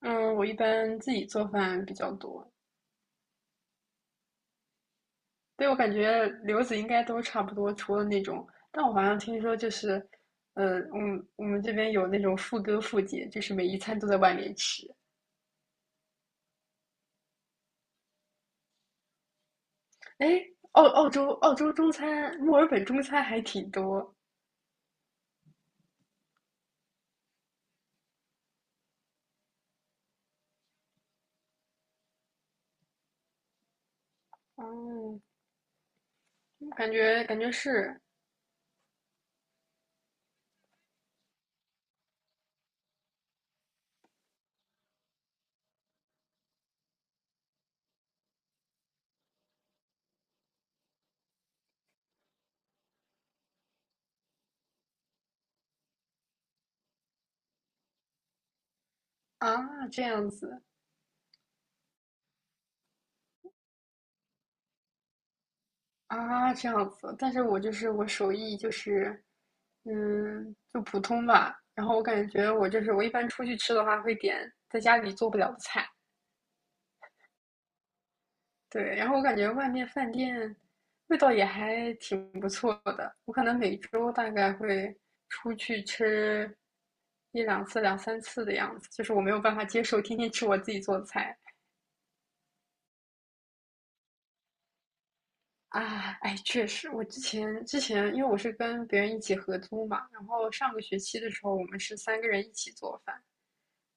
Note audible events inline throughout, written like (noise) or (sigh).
嗯，我一般自己做饭比较多。对，我感觉留子应该都差不多，除了那种，但我好像听说就是，我们这边有那种父哥父姐，就是每一餐都在外面吃。哎，澳洲中餐，墨尔本中餐还挺多。哦，感觉是啊，这样子。啊，这样子，但是我就是我手艺就是，嗯，就普通吧。然后我感觉我就是我一般出去吃的话会点在家里做不了的菜，对。然后我感觉外面饭店味道也还挺不错的。我可能每周大概会出去吃一两次、两三次的样子，就是我没有办法接受天天吃我自己做的菜。啊，哎，确实，我之前，因为我是跟别人一起合租嘛，然后上个学期的时候，我们是三个人一起做饭，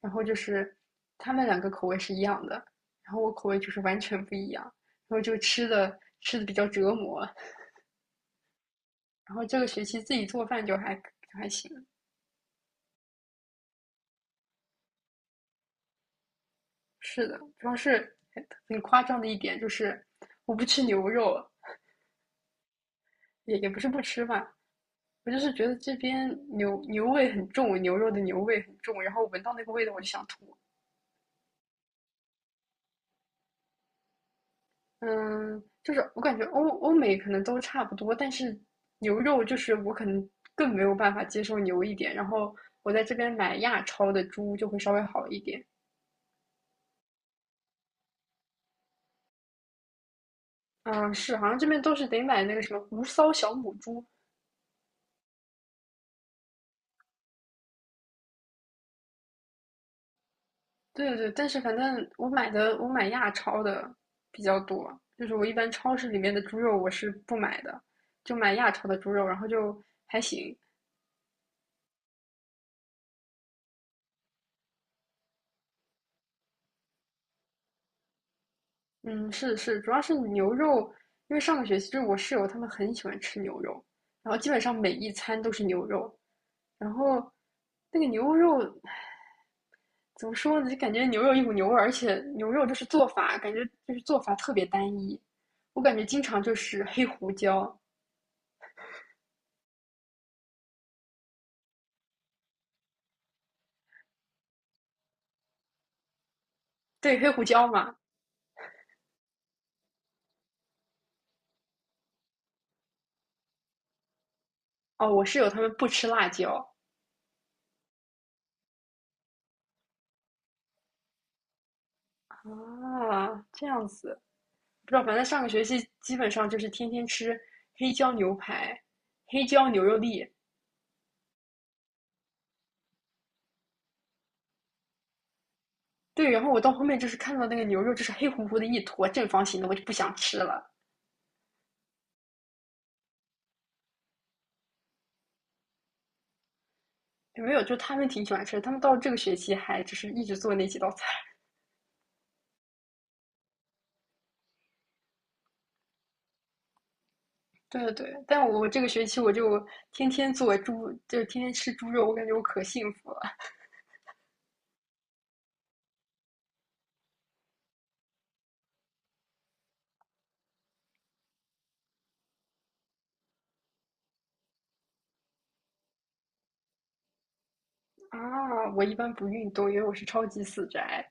然后就是他们2个口味是一样的，然后我口味就是完全不一样，然后就吃的比较折磨，然后这个学期自己做饭就还就还行，是的，主要是很夸张的一点就是我不吃牛肉，也不是不吃吧，我就是觉得这边牛味很重，牛肉的牛味很重，然后闻到那个味道我就想吐。嗯，就是我感觉欧美可能都差不多，但是牛肉就是我可能更没有办法接受牛一点，然后我在这边买亚超的猪就会稍微好一点。嗯，是，好像这边都是得买那个什么无骚小母猪。对对对，但是反正我买亚超的比较多，就是我一般超市里面的猪肉我是不买的，就买亚超的猪肉，然后就还行。嗯，是是，主要是牛肉，因为上个学期就是我室友他们很喜欢吃牛肉，然后基本上每一餐都是牛肉，然后那个牛肉怎么说呢，就感觉牛肉一股牛味儿，而且牛肉就是做法，感觉就是做法特别单一，我感觉经常就是黑胡椒，对，黑胡椒嘛，哦，我室友他们不吃辣椒啊，这样子，不知道，反正上个学期基本上就是天天吃黑椒牛排、黑椒牛肉粒。对，然后我到后面就是看到那个牛肉就是黑乎乎的一坨正方形的，我就不想吃了。有没有，就他们挺喜欢吃的他们到这个学期还就是一直做那几道菜。(laughs) 对对对，但我这个学期我就天天做猪，就是天天吃猪肉，我感觉我可幸福了啊！我一般不运动，因为我是超级死宅。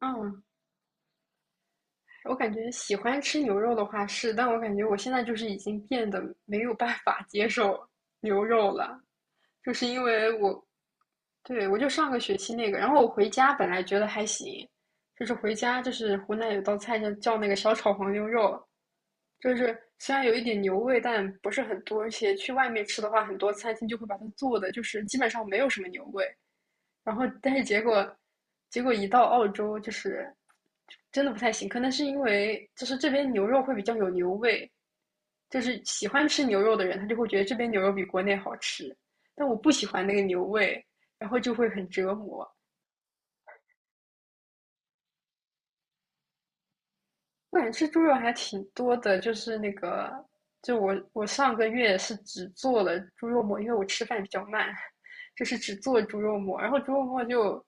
嗯，我感觉喜欢吃牛肉的话是，但我感觉我现在就是已经变得没有办法接受牛肉了，就是因为我对，我就上个学期那个，然后我回家本来觉得还行，就是回家就是湖南有道菜叫那个小炒黄牛肉，就是虽然有一点牛味，但不是很多，而且去外面吃的话，很多餐厅就会把它做的就是基本上没有什么牛味，然后但是结果一到澳洲就是真的不太行，可能是因为就是这边牛肉会比较有牛味，就是喜欢吃牛肉的人他就会觉得这边牛肉比国内好吃，但我不喜欢那个牛味。然后就会很折磨。我感觉吃猪肉还挺多的，就是那个，就我上个月是只做了猪肉末，因为我吃饭比较慢，就是只做猪肉末。然后猪肉末就，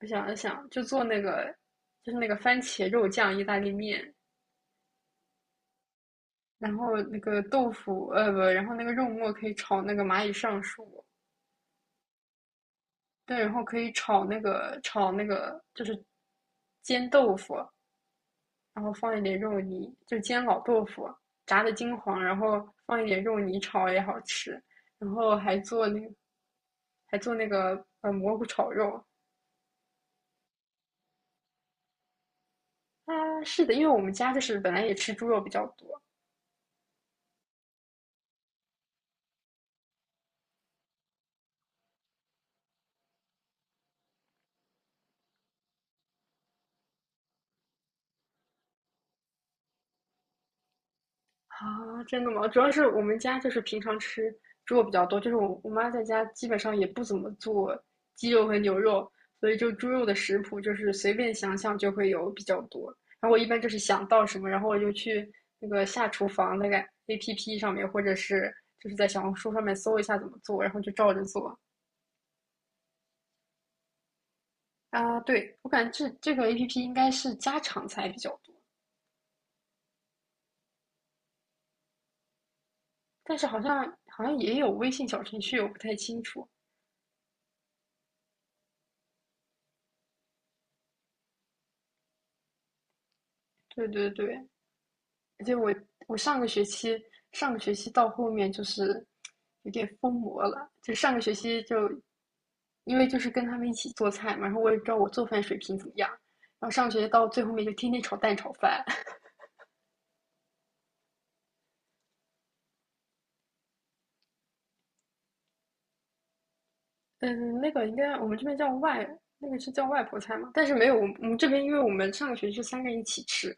我想了想，就做那个，就是那个番茄肉酱意大利面，然后那个豆腐，不，然后那个肉末可以炒那个蚂蚁上树，对，然后可以炒那个就是煎豆腐，然后放一点肉泥，就煎老豆腐，炸的金黄，然后放一点肉泥炒也好吃。然后还做那个蘑菇炒肉啊，是的，因为我们家就是本来也吃猪肉比较多，啊，真的吗？主要是我们家就是平常吃猪肉比较多，就是我妈在家基本上也不怎么做鸡肉和牛肉，所以就猪肉的食谱就是随便想想就会有比较多。然后我一般就是想到什么，然后我就去那个下厨房那个 APP 上面，或者是就是在小红书上面搜一下怎么做，然后就照着做。啊，对，我感觉这个 APP 应该是家常菜比较多，但是好像也有微信小程序，我不太清楚。对对对。而且我上个学期到后面就是有点疯魔了，就上个学期就因为就是跟他们一起做菜嘛，然后我也不知道我做饭水平怎么样，然后上个学期到最后面就天天炒蛋炒饭，(laughs) 嗯，那个应该我们这边那个是叫外婆菜嘛，但是没有我们这边，因为我们上个学期是三个人一起吃，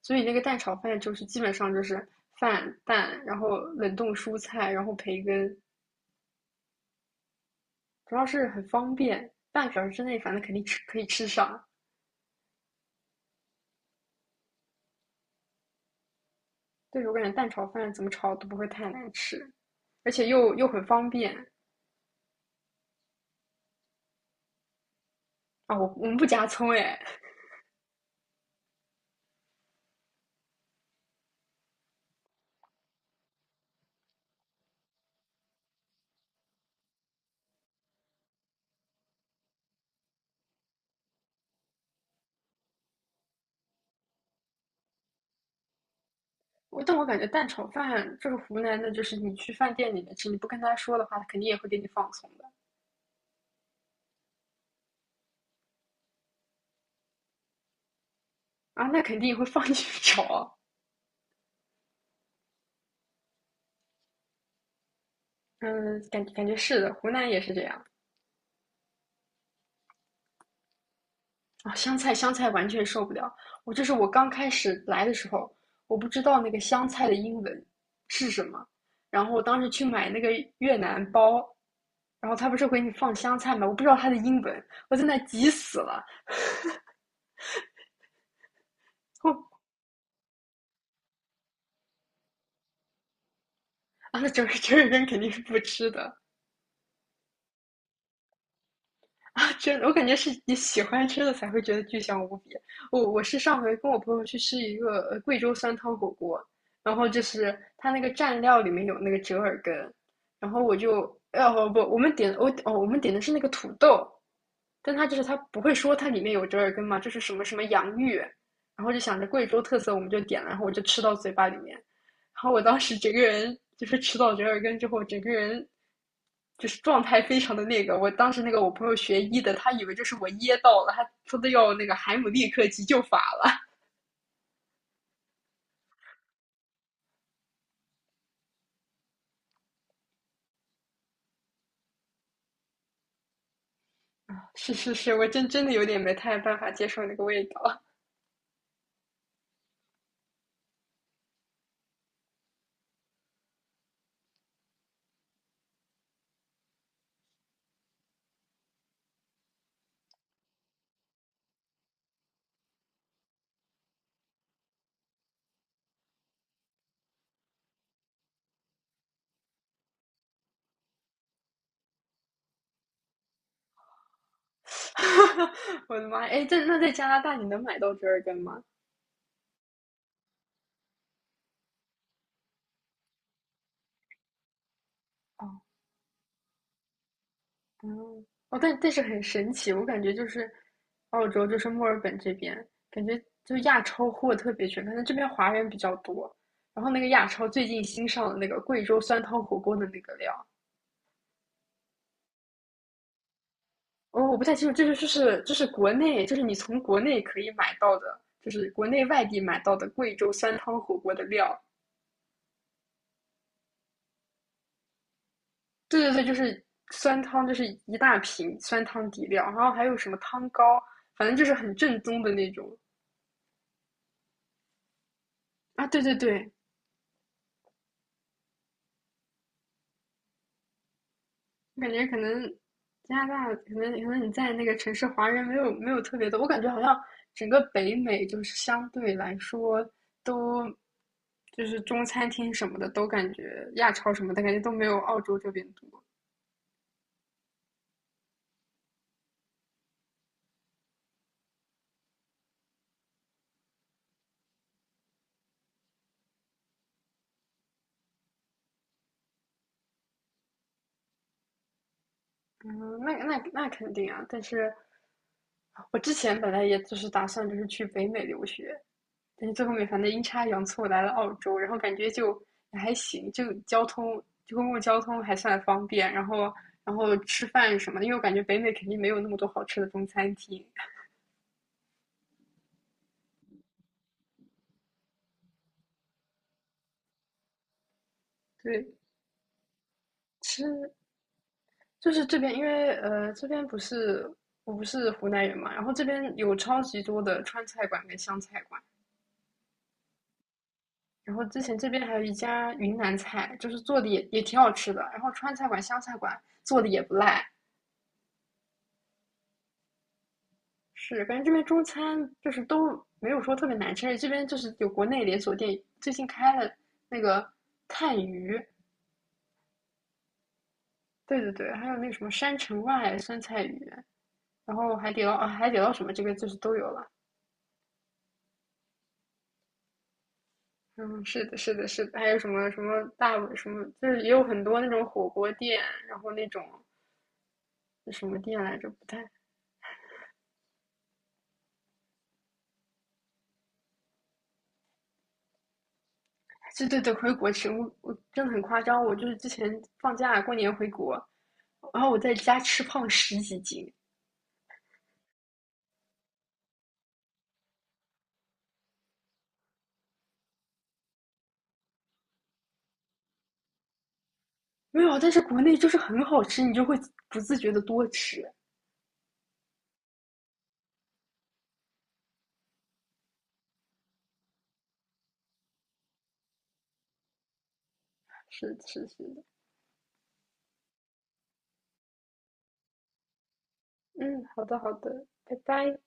所以那个蛋炒饭就是基本上就是饭蛋，然后冷冻蔬菜，然后培根，主要是很方便，半个小时之内反正肯定可以吃上。对，我感觉蛋炒饭怎么炒都不会太难吃，而且又很方便啊！我们不加葱哎，但我感觉蛋炒饭这个湖南的，就是你去饭店里面吃，你不跟他说的话，他肯定也会给你放葱的啊，那肯定也会放 (laughs) 进去炒。嗯，感觉是的，湖南也是这样。啊，香菜香菜完全受不了。我就是我刚开始来的时候，我不知道那个香菜的英文是什么，然后我当时去买那个越南包，然后他不是给你放香菜吗？我不知道它的英文，我在那急死了。后啊，那整个人肯定是不吃的。真的，我感觉是你喜欢吃的才会觉得巨香无比。我是上回跟我朋友去吃一个贵州酸汤火锅，然后就是它那个蘸料里面有那个折耳根，然后我就不不，我们点我哦我们点的是那个土豆，但它就是它不会说它里面有折耳根嘛，就是什么什么洋芋，然后就想着贵州特色我们就点了，然后我就吃到嘴巴里面，然后我当时整个人就是吃到折耳根之后，整个人就是状态非常的那个。我当时那个我朋友学医的，他以为就是我噎到了，他说的要那个海姆立克急救法了。(laughs) 是是是，我真的有点没太办法接受那个味道。(laughs) 我的妈哎，那在加拿大你能买到折耳根吗？哦，嗯，哦，但是很神奇，我感觉就是澳洲，就是墨尔本这边，感觉就亚超货特别全，可能这边华人比较多。然后那个亚超最近新上的那个贵州酸汤火锅的那个料，哦，我不太清楚，这是就是国内，就是你从国内可以买到的，就是国内外地买到的贵州酸汤火锅的料。对对对，就是酸汤，就是一大瓶酸汤底料，然后还有什么汤膏，反正就是很正宗的那种啊。对对对，我感觉可能加拿大，可能你在那个城市华人没有特别多，我感觉好像整个北美就是相对来说都就是中餐厅什么的都感觉亚超什么的感觉都没有澳洲这边多。嗯，那肯定啊，但是我之前本来也就是打算就是去北美留学，但是最后面反正阴差阳错来了澳洲，然后感觉就还行，就交通就公共交通还算方便，然后吃饭什么的因为我感觉北美肯定没有那么多好吃的中餐厅。对，吃就是这边，因为这边不是我不是湖南人嘛，然后这边有超级多的川菜馆跟湘菜馆。然后之前这边还有一家云南菜，就是做的也挺好吃的。然后川菜馆、湘菜馆做的也不赖。是，感觉这边中餐就是都没有说特别难吃，而且这边就是有国内连锁店，最近开了那个炭鱼，对对对，还有那个什么山城外酸菜鱼，然后海底捞啊，海底捞什么这边就是都有了。嗯，是的，是的，是的，还有什么什么大碗什么，就是也有很多那种火锅店，然后那种什么店来着，不太，对对对，回国吃，我真的很夸张，我就是之前放假过年回国，然后我在家吃胖十几斤，没有，但是国内就是很好吃，你就会不自觉的多吃。是是是的，嗯，好的好的，拜拜。